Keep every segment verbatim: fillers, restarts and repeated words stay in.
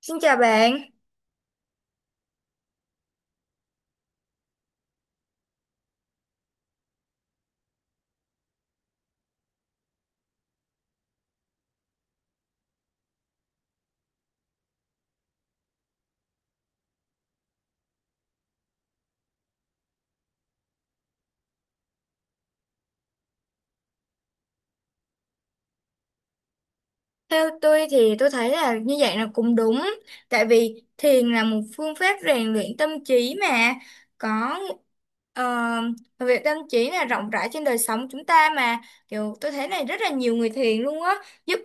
Xin chào bạn. Theo tôi thì tôi thấy là như vậy là cũng đúng. Tại vì thiền là một phương pháp rèn luyện tâm trí mà có ờ, việc tâm trí là rộng rãi trên đời sống chúng ta mà kiểu tôi thấy này rất là nhiều người thiền luôn á giúp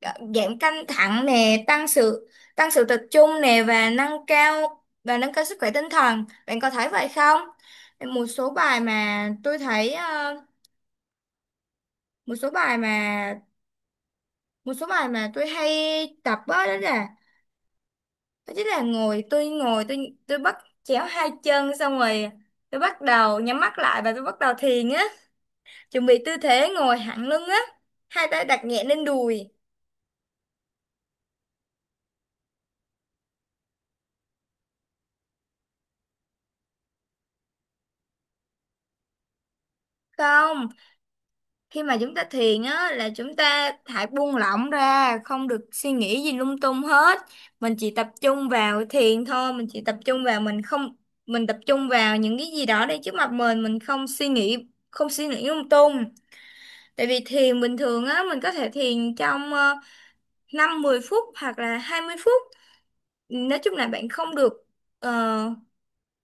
ờ, giảm căng thẳng nè, tăng sự tăng sự tập trung nè và nâng cao và nâng cao sức khỏe tinh thần. Bạn có thấy vậy không? Một số bài mà tôi thấy ờ, một số bài mà một số bài mà tôi hay tập á, đó là đó chính là ngồi tôi ngồi tôi tôi bắt chéo hai chân, xong rồi tôi bắt đầu nhắm mắt lại và tôi bắt đầu thiền á, chuẩn bị tư thế ngồi thẳng lưng á, hai tay đặt nhẹ lên đùi. Không, khi mà chúng ta thiền á là chúng ta hãy buông lỏng ra, không được suy nghĩ gì lung tung hết. Mình chỉ tập trung vào thiền thôi, mình chỉ tập trung vào mình, không, mình tập trung vào những cái gì đó đang trước mặt mình mình không suy nghĩ, không suy nghĩ lung tung. Tại vì thiền bình thường á, mình có thể thiền trong uh, năm đến mười phút hoặc là hai mươi phút. Nói chung là bạn không được, ờ,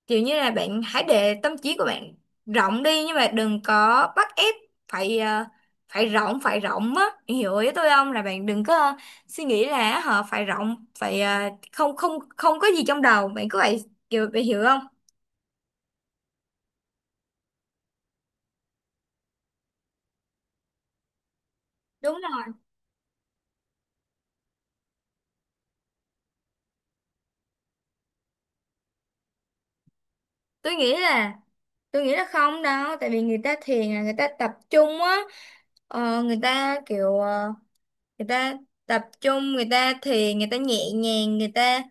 kiểu như là bạn hãy để tâm trí của bạn rộng đi, nhưng mà đừng có bắt ép phải ờ, phải rộng, phải rộng á. Bạn hiểu ý tôi không? Là bạn đừng có ờ, suy nghĩ là họ phải rộng, phải ờ, không không không có gì trong đầu. Bạn cứ vậy, kiểu bạn hiểu không? Đúng rồi. Tôi nghĩ là Tôi nghĩ là không đâu, tại vì người ta thiền là người ta tập trung á, ờ, người ta kiểu ờ, người ta tập trung, người ta thiền, người ta nhẹ nhàng, người ta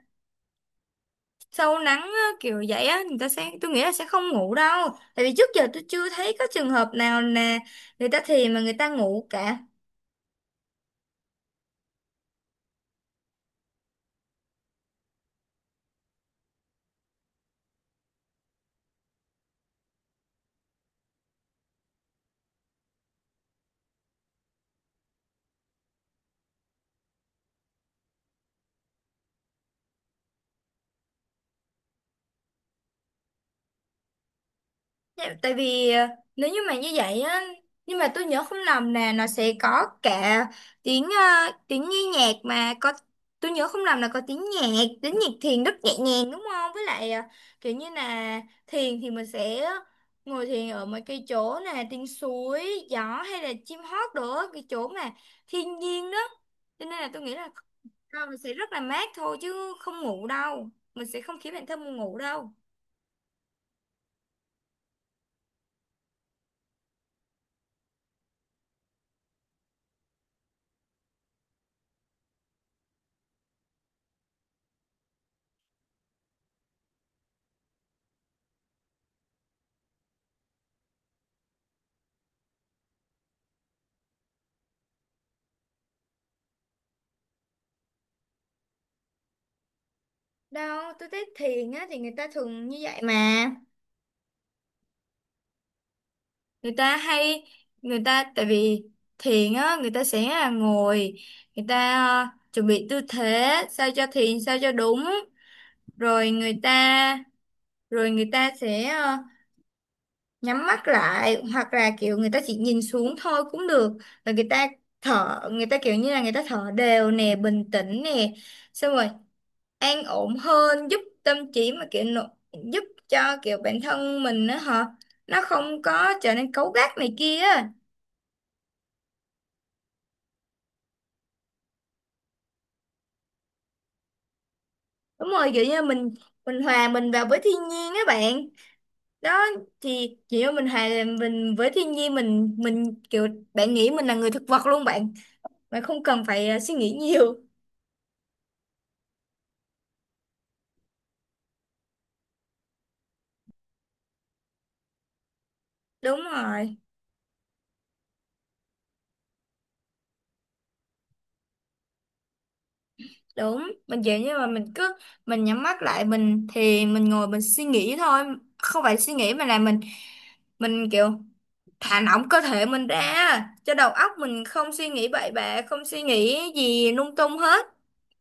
sâu lắng á, kiểu vậy á, người ta sẽ, tôi nghĩ là sẽ không ngủ đâu. Tại vì trước giờ tôi chưa thấy có trường hợp nào là người ta thiền mà người ta ngủ cả. Dạ, tại vì ờ, nếu như mà như vậy á, nhưng mà tôi nhớ không lầm là nó sẽ có cả tiếng ờ, tiếng nhi nhạc mà có, tôi nhớ không lầm là có tiếng nhạc, tiếng nhạc thiền rất nhẹ nhàng đúng không, với lại ờ, kiểu như là thiền thì mình sẽ ngồi thiền ở mấy cái chỗ nè, tiếng suối gió hay là chim hót nữa, cái chỗ mà thiên nhiên đó, cho nên là tôi nghĩ là ờ, mình sẽ rất là mát thôi chứ không ngủ đâu, mình sẽ không khiến bản thân mình ngủ đâu. Đâu, tôi thấy thiền á thì người ta thường như vậy mà. Người ta hay người ta tại vì thiền á người ta sẽ là ngồi, người ta ờ, chuẩn bị tư thế sao cho thiền sao cho đúng, rồi người ta rồi người ta sẽ ờ, nhắm mắt lại hoặc là kiểu người ta chỉ nhìn xuống thôi cũng được. Rồi người ta thở, người ta kiểu như là người ta thở đều nè, bình tĩnh nè. Xong rồi an ổn hơn, giúp tâm trí mà kiểu nỗ- giúp cho kiểu bản thân mình á hả, nó không có trở nên cấu gắt này kia á. Đúng rồi, kiểu như mình mình hòa mình vào với thiên nhiên á bạn. Đó thì kiểu như mình hòa mình với thiên nhiên, mình mình kiểu bạn nghĩ mình là người thực vật luôn bạn, bạn không cần phải ờ, suy nghĩ nhiều. Đúng rồi. Đúng, mình kiểu như mà mình cứ mình nhắm mắt lại, mình thì mình ngồi mình suy nghĩ thôi, không phải suy nghĩ mà là mình mình kiểu thả lỏng cơ thể mình ra cho đầu óc mình không suy nghĩ bậy bạ, không suy nghĩ gì lung tung hết.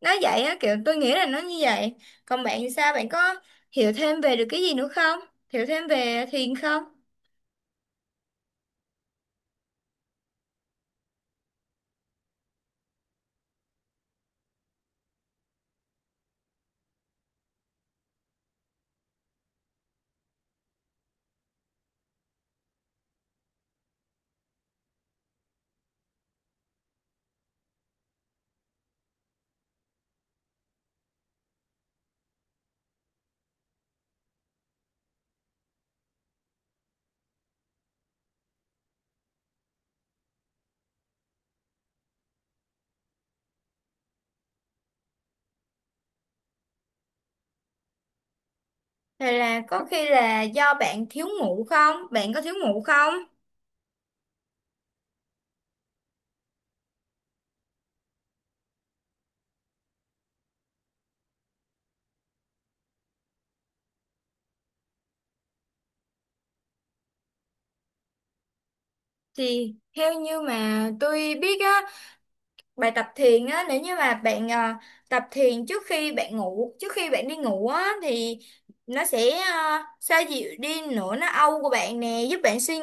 Nó vậy á, kiểu tôi nghĩ là nó như vậy. Còn bạn thì sao, bạn có hiểu thêm về được cái gì nữa không, hiểu thêm về thiền không? Hay là có khi là do bạn thiếu ngủ không, bạn có thiếu ngủ không? Thì theo như mà tôi biết á, bài tập thiền á, nếu như mà bạn à, tập thiền trước khi bạn ngủ, trước khi bạn đi ngủ á, thì nó sẽ à, xoa dịu đi nỗi nó âu của bạn nè, giúp bạn suy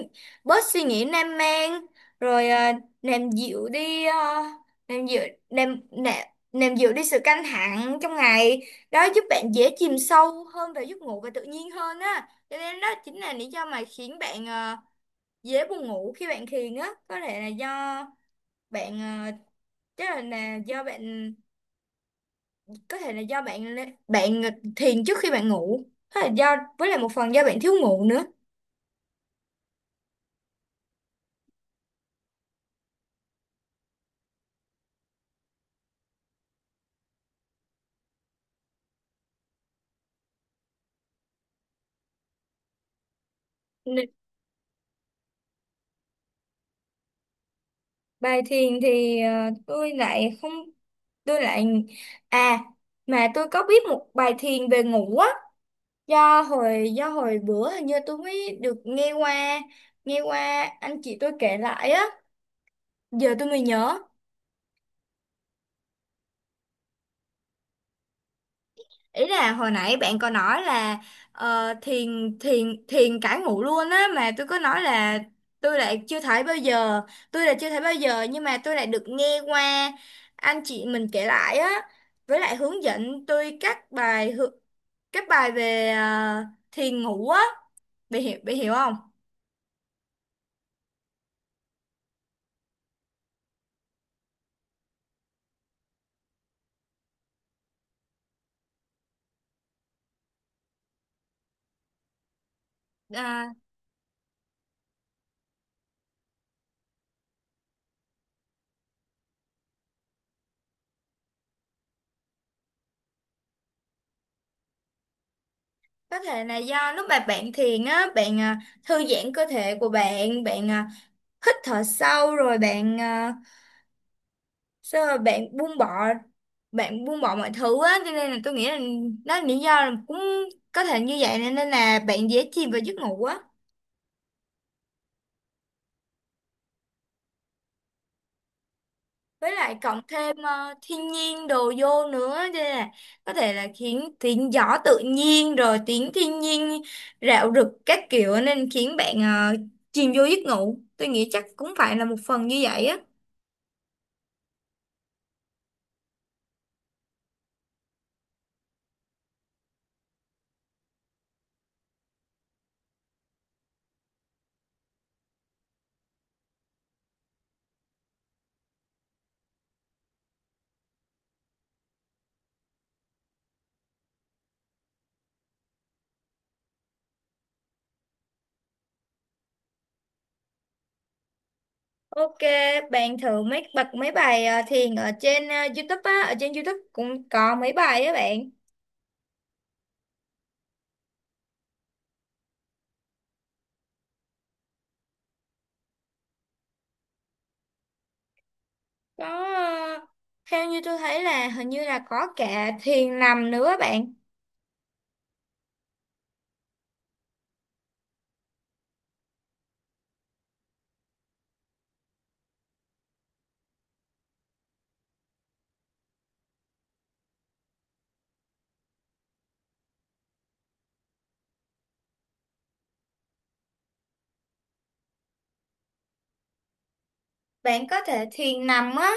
bớt suy nghĩ nam man, rồi à, làm dịu đi à, làm dịu, làm, nè làm dịu đi sự căng thẳng trong ngày đó, giúp bạn dễ chìm sâu hơn vào giấc ngủ và tự nhiên hơn á, cho nên đó chính là lý do mà khiến bạn à, dễ buồn ngủ khi bạn thiền á. Có thể là do bạn à, chắc là, là do bạn có thể là do bạn lê- bạn thiền trước khi bạn ngủ, hay là do với lại một phần do bạn thiếu ngủ nữa. Nè, bài thiền thì ờ, tôi lại không, tôi lại, à, mà tôi có biết một bài thiền về ngủ á, do hồi do hồi bữa, hình như tôi mới được nghe qua, nghe qua anh chị tôi kể lại á, giờ tôi mới nhớ. Ý là hồi nãy bạn có nói là ờ, thiền thiền thiền cả ngủ luôn á, mà tôi có nói là tôi lại chưa thấy bao giờ, tôi là chưa thấy bao giờ, nhưng mà tôi lại được nghe qua anh chị mình kể lại á, với lại hướng dẫn tôi các bài hư- các bài về ờ, thiền ngủ á, bị hiểu bị hiểu không? À, có thể là do lúc mà bạn thiền á bạn à, thư giãn cơ thể của bạn, bạn à, hít thở sâu, rồi bạn ờ, sao mà bạn buông bỏ bạn buông bỏ mọi thứ á, cho nên là tôi nghĩ là đó là lý do là cũng có thể như vậy, nên nên là bạn dễ chìm vào giấc ngủ á. Với lại cộng thêm ờ, thiên nhiên đồ vô nữa, cho nên là có thể là khiến tiếng gió tự nhiên, rồi tiếng thiên nhiên rạo rực các kiểu, nên khiến bạn ờ, chìm vô giấc ngủ, tôi nghĩ chắc cũng phải là một phần như vậy á. Ok, bạn thử mấy bật mấy bài ờ, thiền ở trên ờ, YouTube á, ở trên YouTube cũng có mấy bài á bạn. Có ờ, theo như tôi thấy là hình như là có cả thiền nằm nữa á bạn. Bạn có thể thiền nằm á,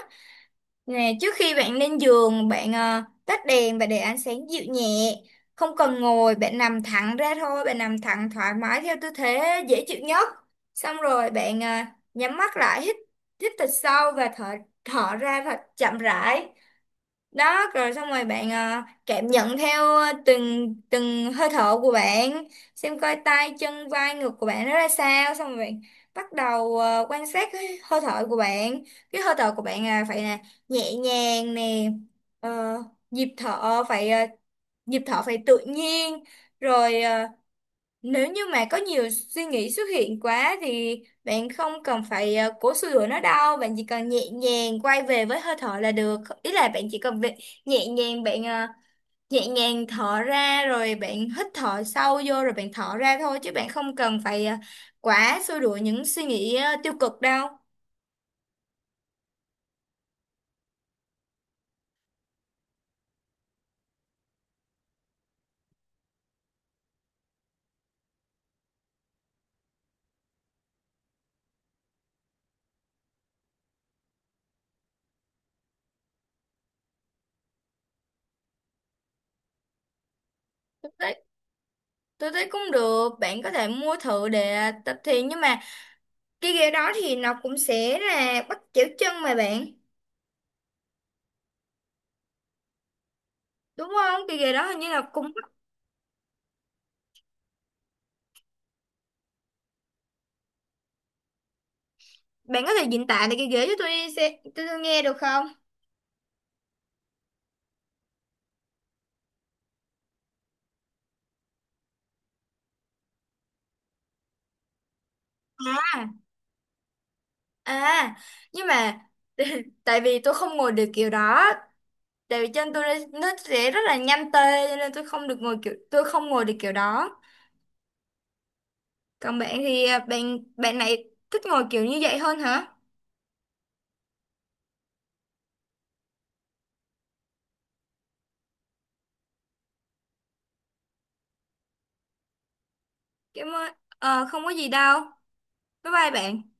nè trước khi bạn lên giường bạn ờ, tắt đèn và để ánh sáng dịu nhẹ, không cần ngồi, bạn nằm thẳng ra thôi, bạn nằm thẳng thoải mái theo tư thế dễ chịu nhất. Xong rồi bạn ờ, nhắm mắt lại, hít hít thật sâu và thở thở ra thật chậm rãi. Đó, rồi xong rồi bạn ờ, cảm nhận theo ờ, từng từng hơi thở của bạn, xem coi tay chân vai ngực của bạn nó ra sao, xong rồi bạn bắt đầu ờ, quan sát cái hơi thở của bạn. Cái hơi thở của bạn là phải là nhẹ nhàng nè, ờ, nhịp thở phải ờ, nhịp thở phải tự nhiên. Rồi ờ, nếu như mà có nhiều suy nghĩ xuất hiện quá thì bạn không cần phải ờ, cố xua đuổi nó đâu, bạn chỉ cần nhẹ nhàng quay về với hơi thở là được. Ý là bạn chỉ cần việc nhẹ nhàng, bạn ờ, nhẹ nhàng thở ra rồi bạn hít thở sâu vô rồi bạn thở ra thôi, chứ bạn không cần phải ờ, quá xua đuổi những suy nghĩ ờ, tiêu cực đâu. Tôi thấy, tôi thấy cũng được, bạn có thể mua thử để tập thiền, nhưng mà cái ghế đó thì nó cũng sẽ là bắt chéo chân mà bạn. Đúng không? Cái ghế đó hình như là cũng Bạn có thể diễn tả lại cái ghế cho tôi đi xe, tôi, tôi nghe được không? À, à, nhưng mà tại vì tôi không ngồi được kiểu đó, tại vì chân tôi nó nó sẽ rất là nhanh tê, cho nên tôi không được ngồi kiểu tôi không ngồi được kiểu đó. Còn bạn thì à, bạn bạn này thích ngồi kiểu như vậy hơn hả? Cảm ơn. Ờ, không có gì đâu. Bye bye bạn.